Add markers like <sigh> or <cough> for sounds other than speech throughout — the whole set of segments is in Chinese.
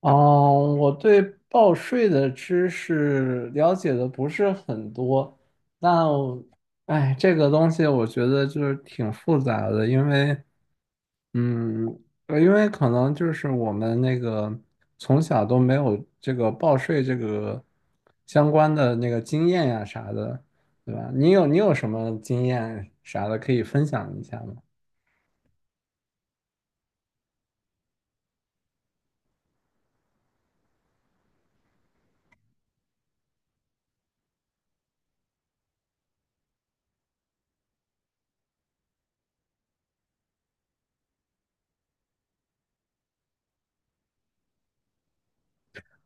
哦，我对报税的知识了解的不是很多，那，我，哎，这个东西我觉得就是挺复杂的，因为，嗯，因为可能就是我们那个从小都没有这个报税这个相关的那个经验呀啥的，对吧？你有什么经验啥的可以分享一下吗？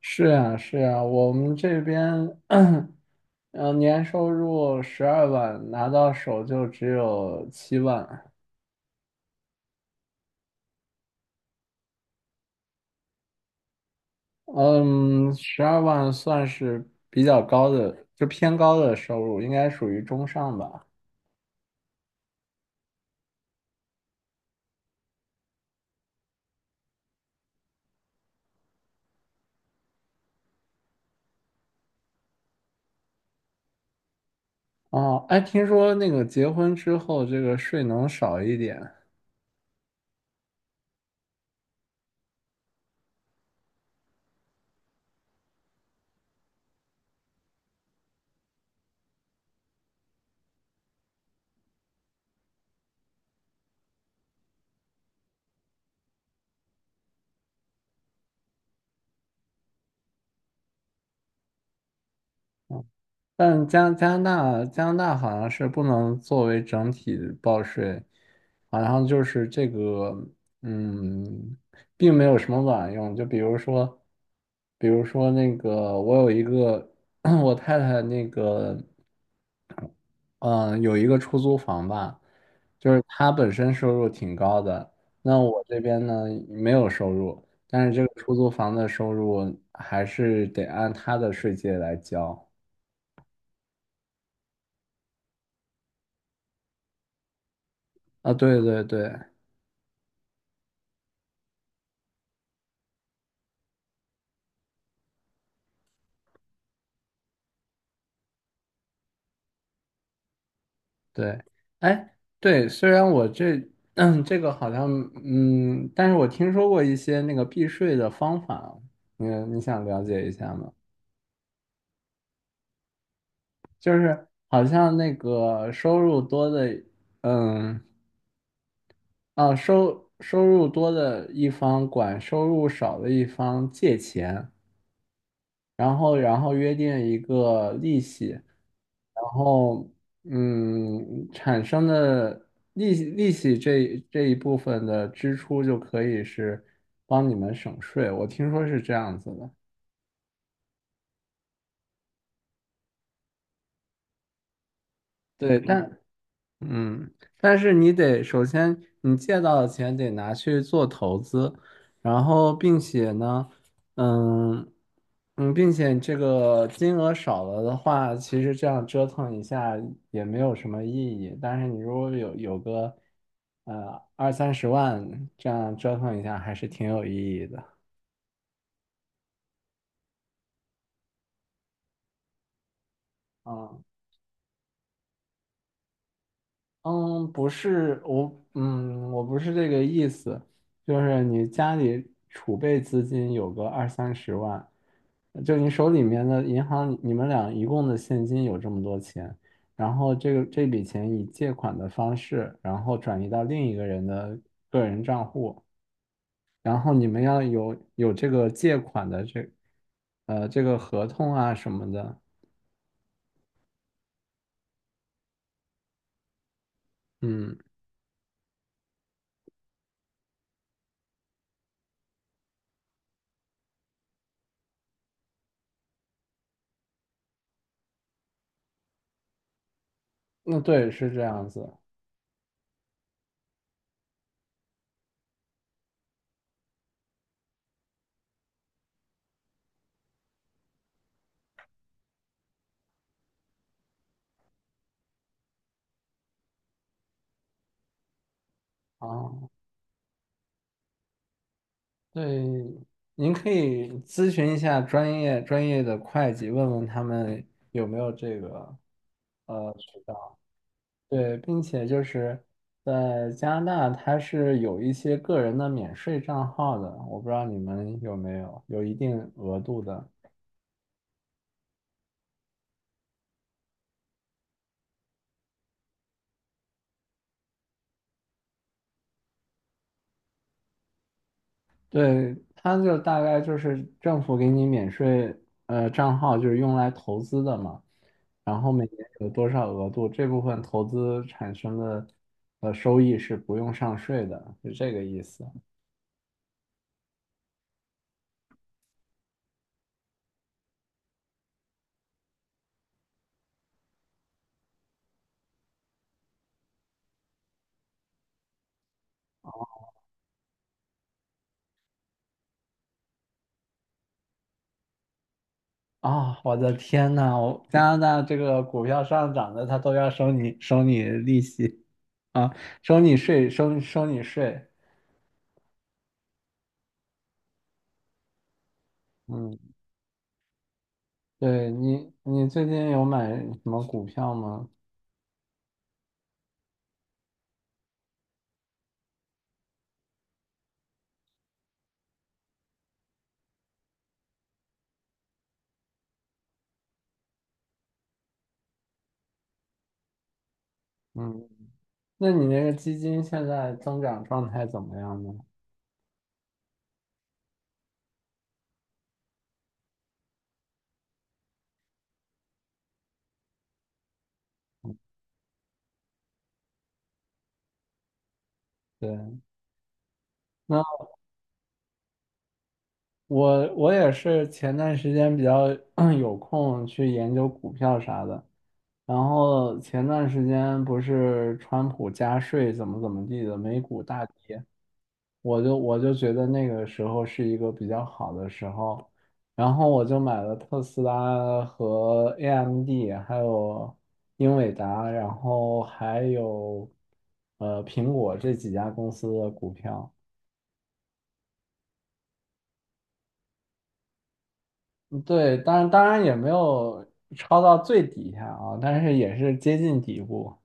是呀，是呀，我们这边 <clears throat> 嗯，年收入十二万，拿到手就只有七万。嗯，十二万算是比较高的，就偏高的收入，应该属于中上吧。哦，哎，听说那个结婚之后，这个税能少一点。但加拿大好像是不能作为整体报税，好像就是这个，嗯，并没有什么卵用。就比如说，比如说那个，我有一个 <clears throat> 我太太那个，嗯、有一个出租房吧，就是她本身收入挺高的，那我这边呢没有收入，但是这个出租房的收入还是得按他的税阶来交。啊，对对对。对，哎，对，虽然我这，<clears throat> 嗯这个好像，嗯，但是我听说过一些那个避税的方法，你你想了解一下吗？就是好像那个收入多的，嗯，啊，收入多的一方管收入少的一方借钱，然后约定一个利息。然后，嗯，产生的利息这一部分的支出就可以是帮你们省税，我听说是这样子的。对，嗯，但是你得首先你借到的钱得拿去做投资，然后并且呢，嗯嗯，并且这个金额少了的话，其实这样折腾一下也没有什么意义。但是你如果有个二三十万，这样折腾一下还是挺有意义的。啊。嗯，不是我，嗯，我不是这个意思，就是你家里储备资金有个二三十万，就你手里面的银行，你们俩一共的现金有这么多钱，然后这个这笔钱以借款的方式，然后转移到另一个人的个人账户，然后你们要有这个借款的这，呃，这个合同啊什么的，嗯，那对，是这样子啊，对，您可以咨询一下专业的会计，问问他们有没有这个渠道。对，并且就是在加拿大，它是有一些个人的免税账号的，我不知道你们有没有，有一定额度的。对，它就大概就是政府给你免税，呃，账号就是用来投资的嘛，然后每年有多少额度，这部分投资产生的呃收益是不用上税的，是这个意思啊，我的天呐，我加拿大这个股票上涨的，它都要收你利息啊，收你税，收你税。嗯，对你，你最近有买什么股票吗？嗯。那你那个基金现在增长状态怎么样呢？对，那我也是前段时间比较 <clears throat> 有空去研究股票啥的，然后前段时间不是川普加税怎么怎么地的，美股大跌，我就觉得那个时候是一个比较好的时候，然后我就买了特斯拉和 AMD，还有英伟达，然后还有苹果这几家公司的股票。嗯对，当然也没有抄到最底下啊，但是也是接近底部。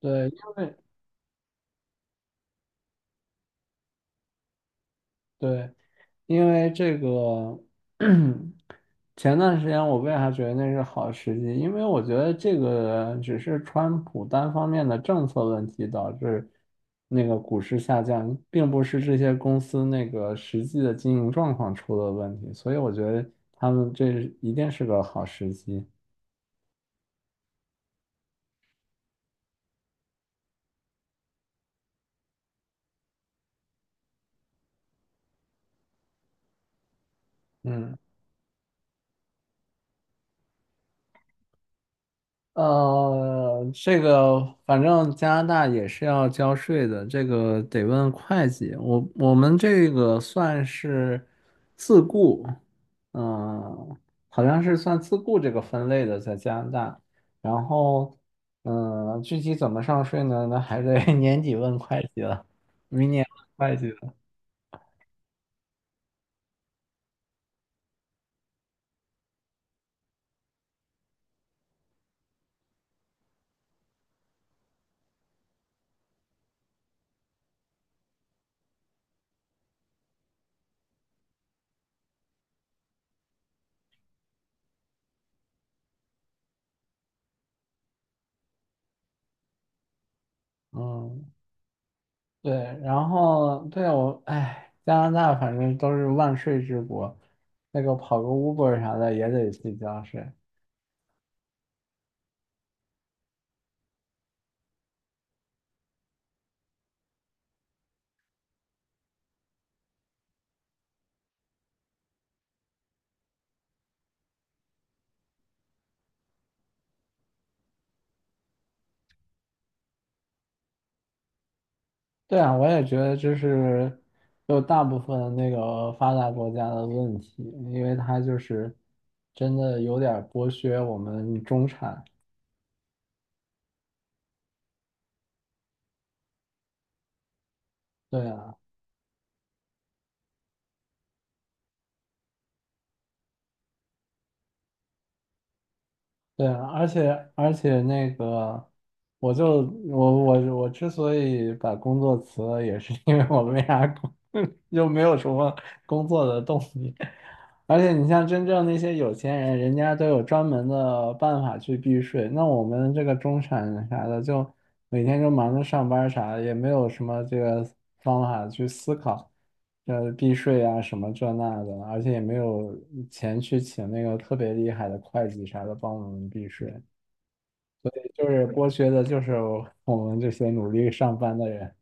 对，因为。对，因为这个 <clears throat> 前段时间我为啥觉得那是好时机？因为我觉得这个只是川普单方面的政策问题导致那个股市下降，并不是这些公司那个实际的经营状况出了问题，所以我觉得他们这一定是个好时机。嗯。呃，这个反正加拿大也是要交税的，这个得问会计。我们这个算是自雇，嗯、好像是算自雇这个分类的，在加拿大。然后，嗯、具体怎么上税呢？那还得 <laughs> 年底问会计了，明年问会计了。嗯。对，然后对我，哎，加拿大反正都是万税之国，那个跑个 Uber 啥的也得去己交税。对啊，我也觉得这是就大部分那个发达国家的问题，因为它就是真的有点儿剥削我们中产。对啊，对啊，而且那个，我就我我我之所以把工作辞了，也是因为我没啥工，<laughs> 又没有什么工作的动力。而且你像真正那些有钱人，人家都有专门的办法去避税。那我们这个中产人啥的，就每天就忙着上班儿啥的，也没有什么这个方法去思考，呃，避税啊什么这那的，而且也没有钱去请那个特别厉害的会计啥的帮我们避税，就是剥削的就是我 <laughs> 们这些努力上班的人。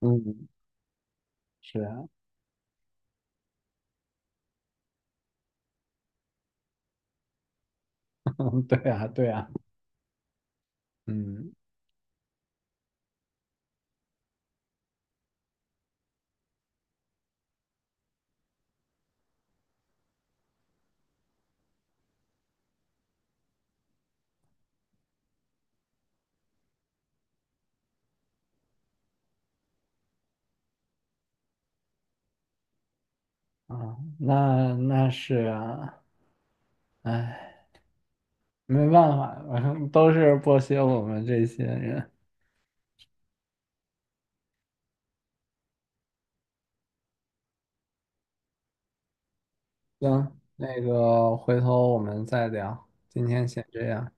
嗯，是啊，<laughs> 对啊，对啊，嗯啊，那那是啊，哎。没办法，反正都是剥削我们这些人。行，那个回头我们再聊，今天先这样。